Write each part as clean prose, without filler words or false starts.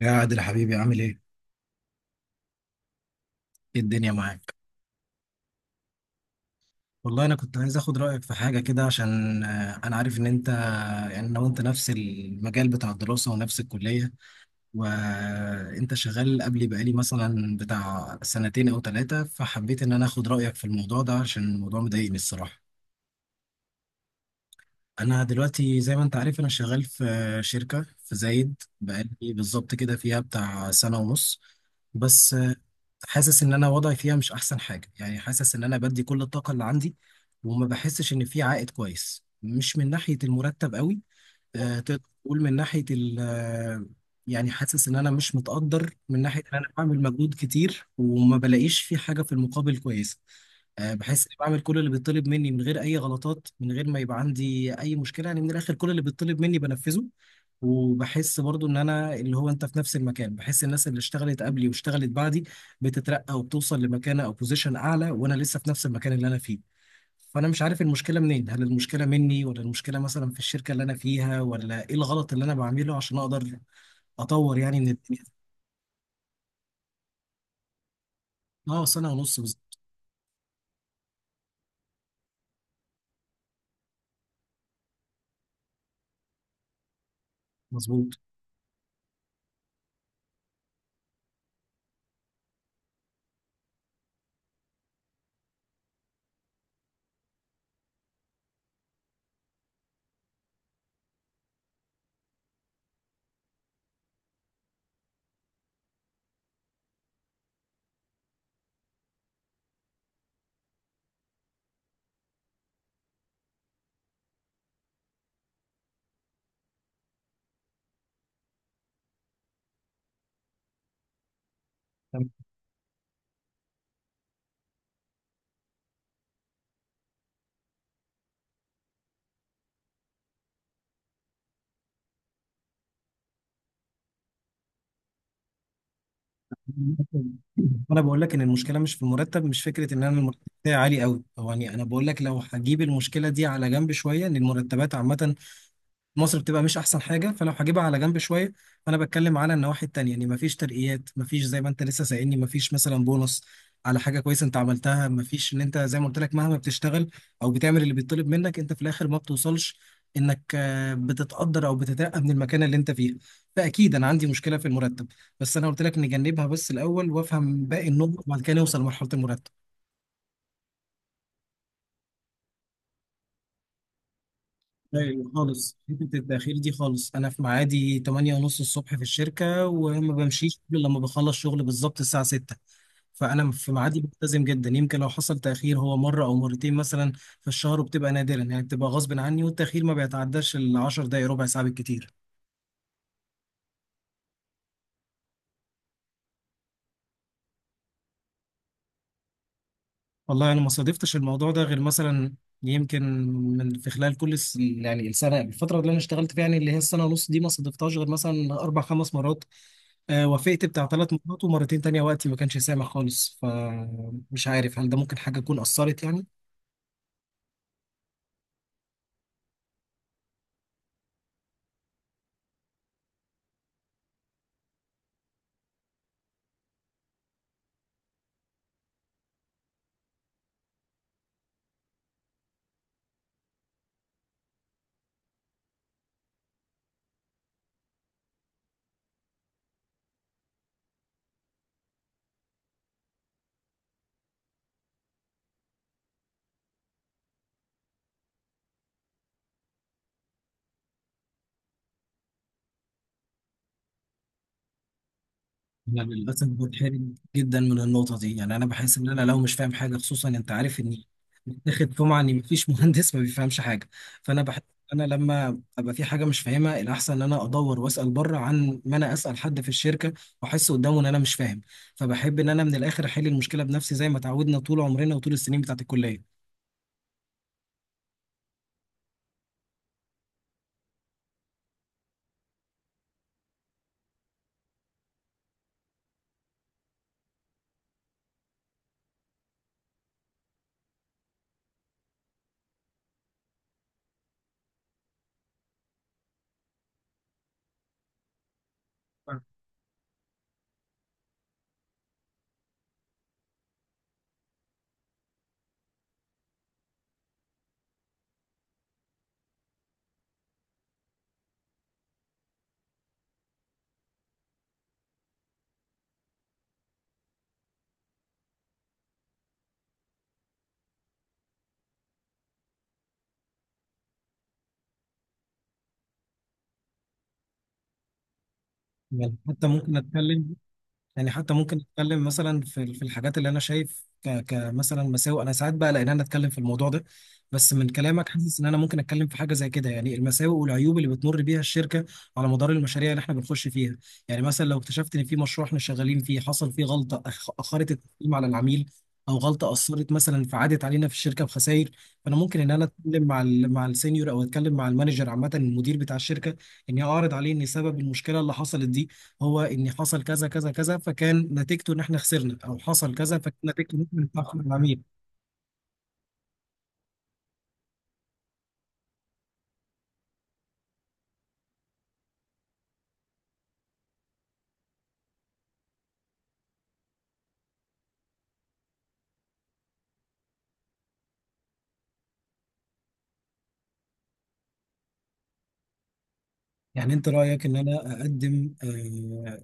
يا عادل حبيبي عامل ايه؟ ايه الدنيا معاك؟ والله انا كنت عايز اخد رايك في حاجه كده عشان انا عارف ان انت يعني انا وانت نفس المجال بتاع الدراسه ونفس الكليه، وانت شغال قبلي بقالي مثلا بتاع سنتين او ثلاثه، فحبيت ان انا اخد رايك في الموضوع ده عشان الموضوع مضايقني الصراحه. انا دلوقتي زي ما انت عارف انا شغال في شركه في زايد، بقالي بالظبط كده فيها بتاع سنه ونص. بس حاسس ان انا وضعي فيها مش احسن حاجه، يعني حاسس ان انا بدي كل الطاقه اللي عندي وما بحسش ان في عائد كويس، مش من ناحيه المرتب قوي، تقدر تقول من ناحيه ال آه، يعني حاسس ان انا مش متقدر من ناحيه ان انا بعمل مجهود كتير وما بلاقيش في حاجه في المقابل كويسه. بحس اني بعمل كل اللي بيطلب مني من غير اي غلطات، من غير ما يبقى عندي اي مشكله، يعني من الاخر كل اللي بيطلب مني بنفذه. وبحس برضو ان انا اللي هو انت في نفس المكان، بحس الناس اللي اشتغلت قبلي واشتغلت بعدي بتترقى وبتوصل لمكانه او بوزيشن اعلى وانا لسه في نفس المكان اللي انا فيه، فانا مش عارف المشكله منين، هل المشكله مني ولا المشكله مثلا في الشركه اللي انا فيها ولا ايه الغلط اللي انا بعمله عشان اقدر اطور يعني من الدنيا. اه سنه ونص بالظبط. مظبوط. انا بقول لك ان المشكله مش في المرتب، مش فكره ان انا المرتب بتاعي عالي قوي، هو يعني انا بقول لك لو هجيب المشكله دي على جنب شويه ان المرتبات عامه مصر بتبقى مش احسن حاجه فلو هجيبها على جنب شويه، فانا بتكلم على النواحي التانيه، يعني مفيش ترقيات، مفيش زي ما انت لسه سائلني مفيش مثلا بونص على حاجه كويسه انت عملتها، مفيش ان انت زي ما قلت لك مهما بتشتغل او بتعمل اللي بيطلب منك انت في الاخر ما بتوصلش انك بتتقدر او بتترقى من المكان اللي انت فيه، فاكيد انا عندي مشكله في المرتب بس انا قلت لك نجنبها بس الاول وافهم باقي النقط وبعد كده نوصل لمرحله المرتب. ايوه خالص، حته التاخير دي خالص، انا في ميعادي 8 ونص الصبح في الشركه وما بمشيش الا لما بخلص شغل بالظبط الساعه 6، فانا في ميعادي ملتزم جدا، يمكن لو حصل تاخير هو مره او مرتين مثلا في الشهر، وبتبقى نادرا يعني بتبقى غصب عني، والتاخير ما بيتعداش ال 10 دقائق، ربع ساعه بالكتير. والله انا ما صادفتش الموضوع ده غير مثلا يمكن من في خلال كل يعني السنه الفتره اللي انا اشتغلت فيها يعني اللي هي السنه ونص دي ما صادفتهاش غير مثلا اربع خمس مرات، وافقت بتاع ثلاث مرات ومرتين تانية وقتي ما كانش سامح خالص، فمش عارف هل ده ممكن حاجه تكون اثرت يعني. انا للاسف بتحرج جدا من النقطه دي، يعني انا بحس ان انا لو مش فاهم حاجه خصوصا انت عارف ان واخد سمعة ان مفيش مهندس ما بيفهمش حاجه، فانا بحس انا لما ابقى في حاجه مش فاهمها الاحسن ان انا ادور واسال بره عن ما انا اسال حد في الشركه واحس قدامه ان انا مش فاهم، فبحب ان انا من الاخر احل المشكله بنفسي زي ما اتعودنا طول عمرنا وطول السنين بتاعت الكليه. يعني حتى ممكن اتكلم، يعني حتى ممكن نتكلم مثلا في في الحاجات اللي انا شايف كمثلا مساوئ، انا ساعات بقى لان انا اتكلم في الموضوع ده، بس من كلامك حاسس ان انا ممكن اتكلم في حاجه زي كده، يعني المساوئ والعيوب اللي بتمر بيها الشركه على مدار المشاريع اللي احنا بنخش فيها. يعني مثلا لو اكتشفت ان في مشروع احنا شغالين فيه حصل فيه غلطه اخرت التقييم على العميل، او غلطه اثرت مثلا فعادت علينا في الشركه بخسائر، فانا ممكن ان انا اتكلم مع مع السينيور او اتكلم مع المانجر عامه المدير بتاع الشركه، اني اعرض عليه ان سبب المشكله اللي حصلت دي هو ان حصل كذا كذا كذا فكان نتيجته ان احنا خسرنا او حصل كذا فكان نتيجته ان احنا نتاخر العميل. يعني انت رايك ان انا اقدم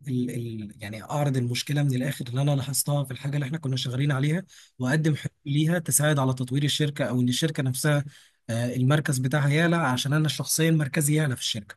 ال ال يعني اعرض المشكله من الاخر اللي انا لاحظتها في الحاجه اللي احنا كنا شغالين عليها واقدم حلول ليها تساعد على تطوير الشركه او ان الشركه نفسها المركز بتاعها يعلى عشان انا شخصيا مركزي يعلى في الشركه.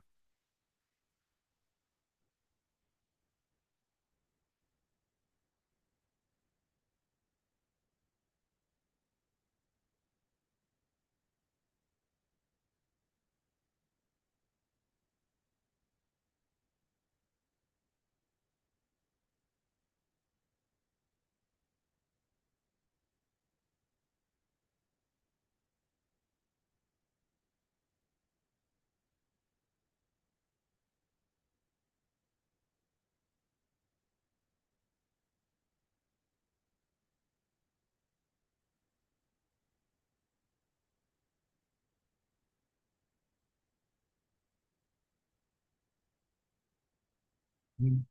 مم.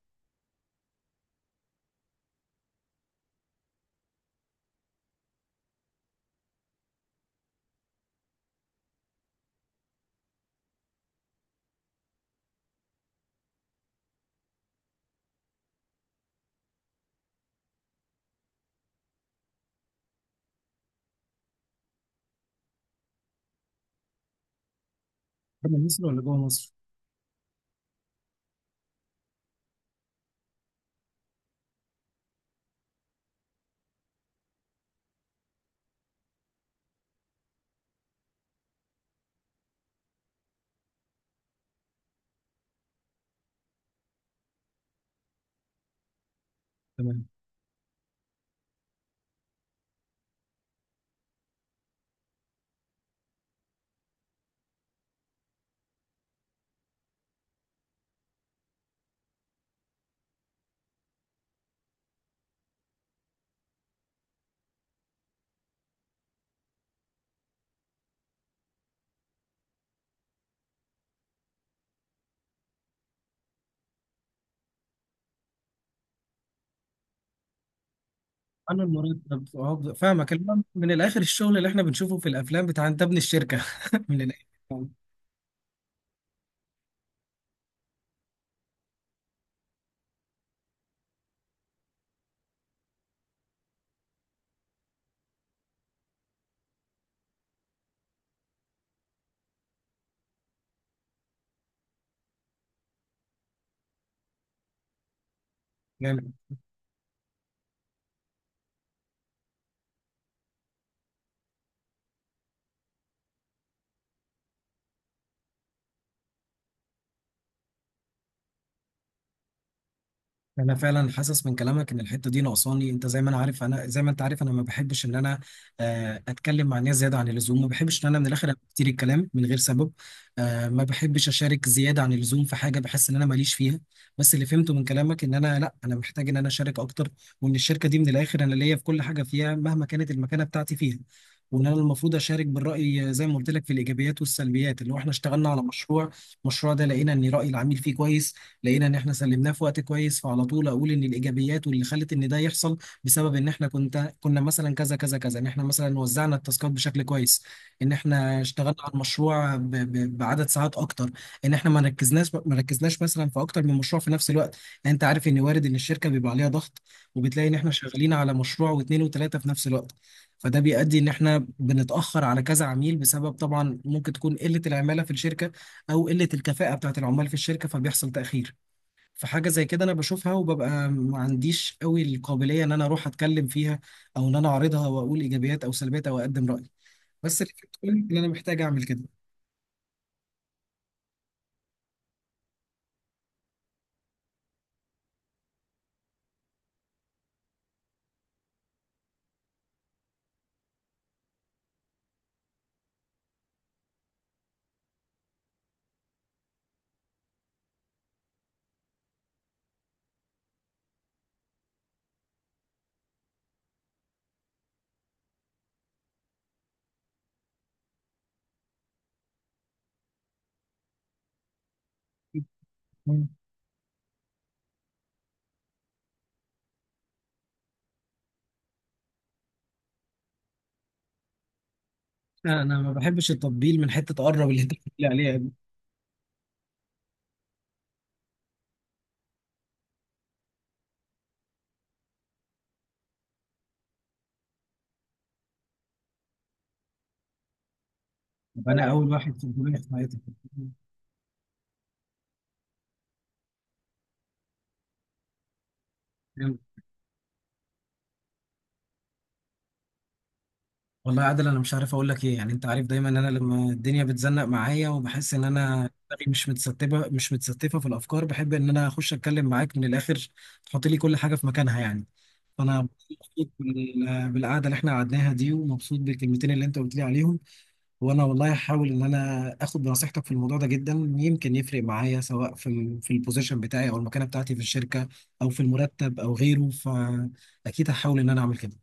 بره مصر ولا جوه مصر؟ تمام. انا المرتب فاهمك، المهم من الاخر الشغل اللي احنا بنشوفه في الافلام بتاع انت ابن الشركه. من الاخر. انا فعلا حاسس من كلامك ان الحته دي ناقصاني، انت زي ما انا عارف انا زي ما انت عارف انا ما بحبش ان انا اتكلم مع الناس زياده عن اللزوم، ما بحبش ان انا من الاخر أبقى كتير الكلام من غير سبب، ما بحبش اشارك زياده عن اللزوم في حاجه بحس ان انا ماليش فيها، بس اللي فهمته من كلامك ان انا لا انا محتاج ان انا اشارك اكتر، وان الشركه دي من الاخر انا ليا في كل حاجه فيها مهما كانت المكانه بتاعتي فيها، وان انا المفروض اشارك بالراي زي ما قلت لك في الايجابيات والسلبيات، اللي هو احنا اشتغلنا على مشروع، المشروع ده لقينا ان راي العميل فيه كويس، لقينا ان احنا سلمناه في وقت كويس، فعلى طول اقول ان الايجابيات واللي خلت ان ده يحصل بسبب ان احنا كنا مثلا كذا كذا كذا، ان احنا مثلا وزعنا التاسكات بشكل كويس، ان احنا اشتغلنا على المشروع بعدد ساعات اكتر، ان احنا ما ركزناش مثلا في اكتر من مشروع في نفس الوقت. يعني انت عارف ان وارد ان الشركه بيبقى عليها ضغط وبتلاقي ان احنا شغالين على مشروع واثنين وثلاثه في نفس الوقت، فده بيؤدي ان احنا بنتاخر على كذا عميل، بسبب طبعا ممكن تكون قله العماله في الشركه او قله الكفاءه بتاعت العمال في الشركه فبيحصل تاخير. فحاجة زي كده أنا بشوفها وببقى ما عنديش قوي القابلية إن أنا أروح أتكلم فيها أو إن أنا أعرضها وأقول إيجابيات أو سلبيات أو أقدم رأيي، بس اللي بتقول إن أنا محتاج أعمل كده. مم. لا، أنا ما بحبش التطبيل من حتة تقرب اللي أنت بتقول عليها دي. أبقى أنا أول واحد في الدنيا في حياتي. والله يا عادل انا مش عارف اقول لك ايه، يعني انت عارف دايما ان انا لما الدنيا بتزنق معايا وبحس ان انا دماغي مش متستفه في الافكار بحب ان انا اخش اتكلم معاك من الاخر، تحط لي كل حاجه في مكانها يعني، فانا مبسوط بالقعده اللي احنا قعدناها دي ومبسوط بالكلمتين اللي انت قلت لي عليهم، وانا والله هحاول ان انا اخد بنصيحتك في الموضوع ده جدا، يمكن يفرق معايا سواء في البوزيشن بتاعي او المكانه بتاعتي في الشركه او في المرتب او غيره، فاكيد هحاول ان انا اعمل كده.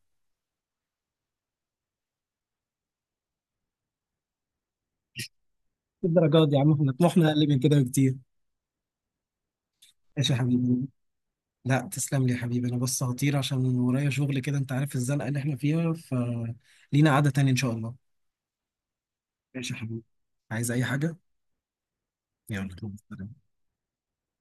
الدرجات دي يا عم احنا طموحنا اقل من كده بكتير. ماشي يا حبيبي. لا تسلم لي يا حبيبي، انا بس هطير عشان ورايا شغل كده، انت عارف الزنقه اللي احنا فيها، فلينا قعده تانية ان شاء الله. ماشي يا حبيبي. عايز اي حاجه. يلا.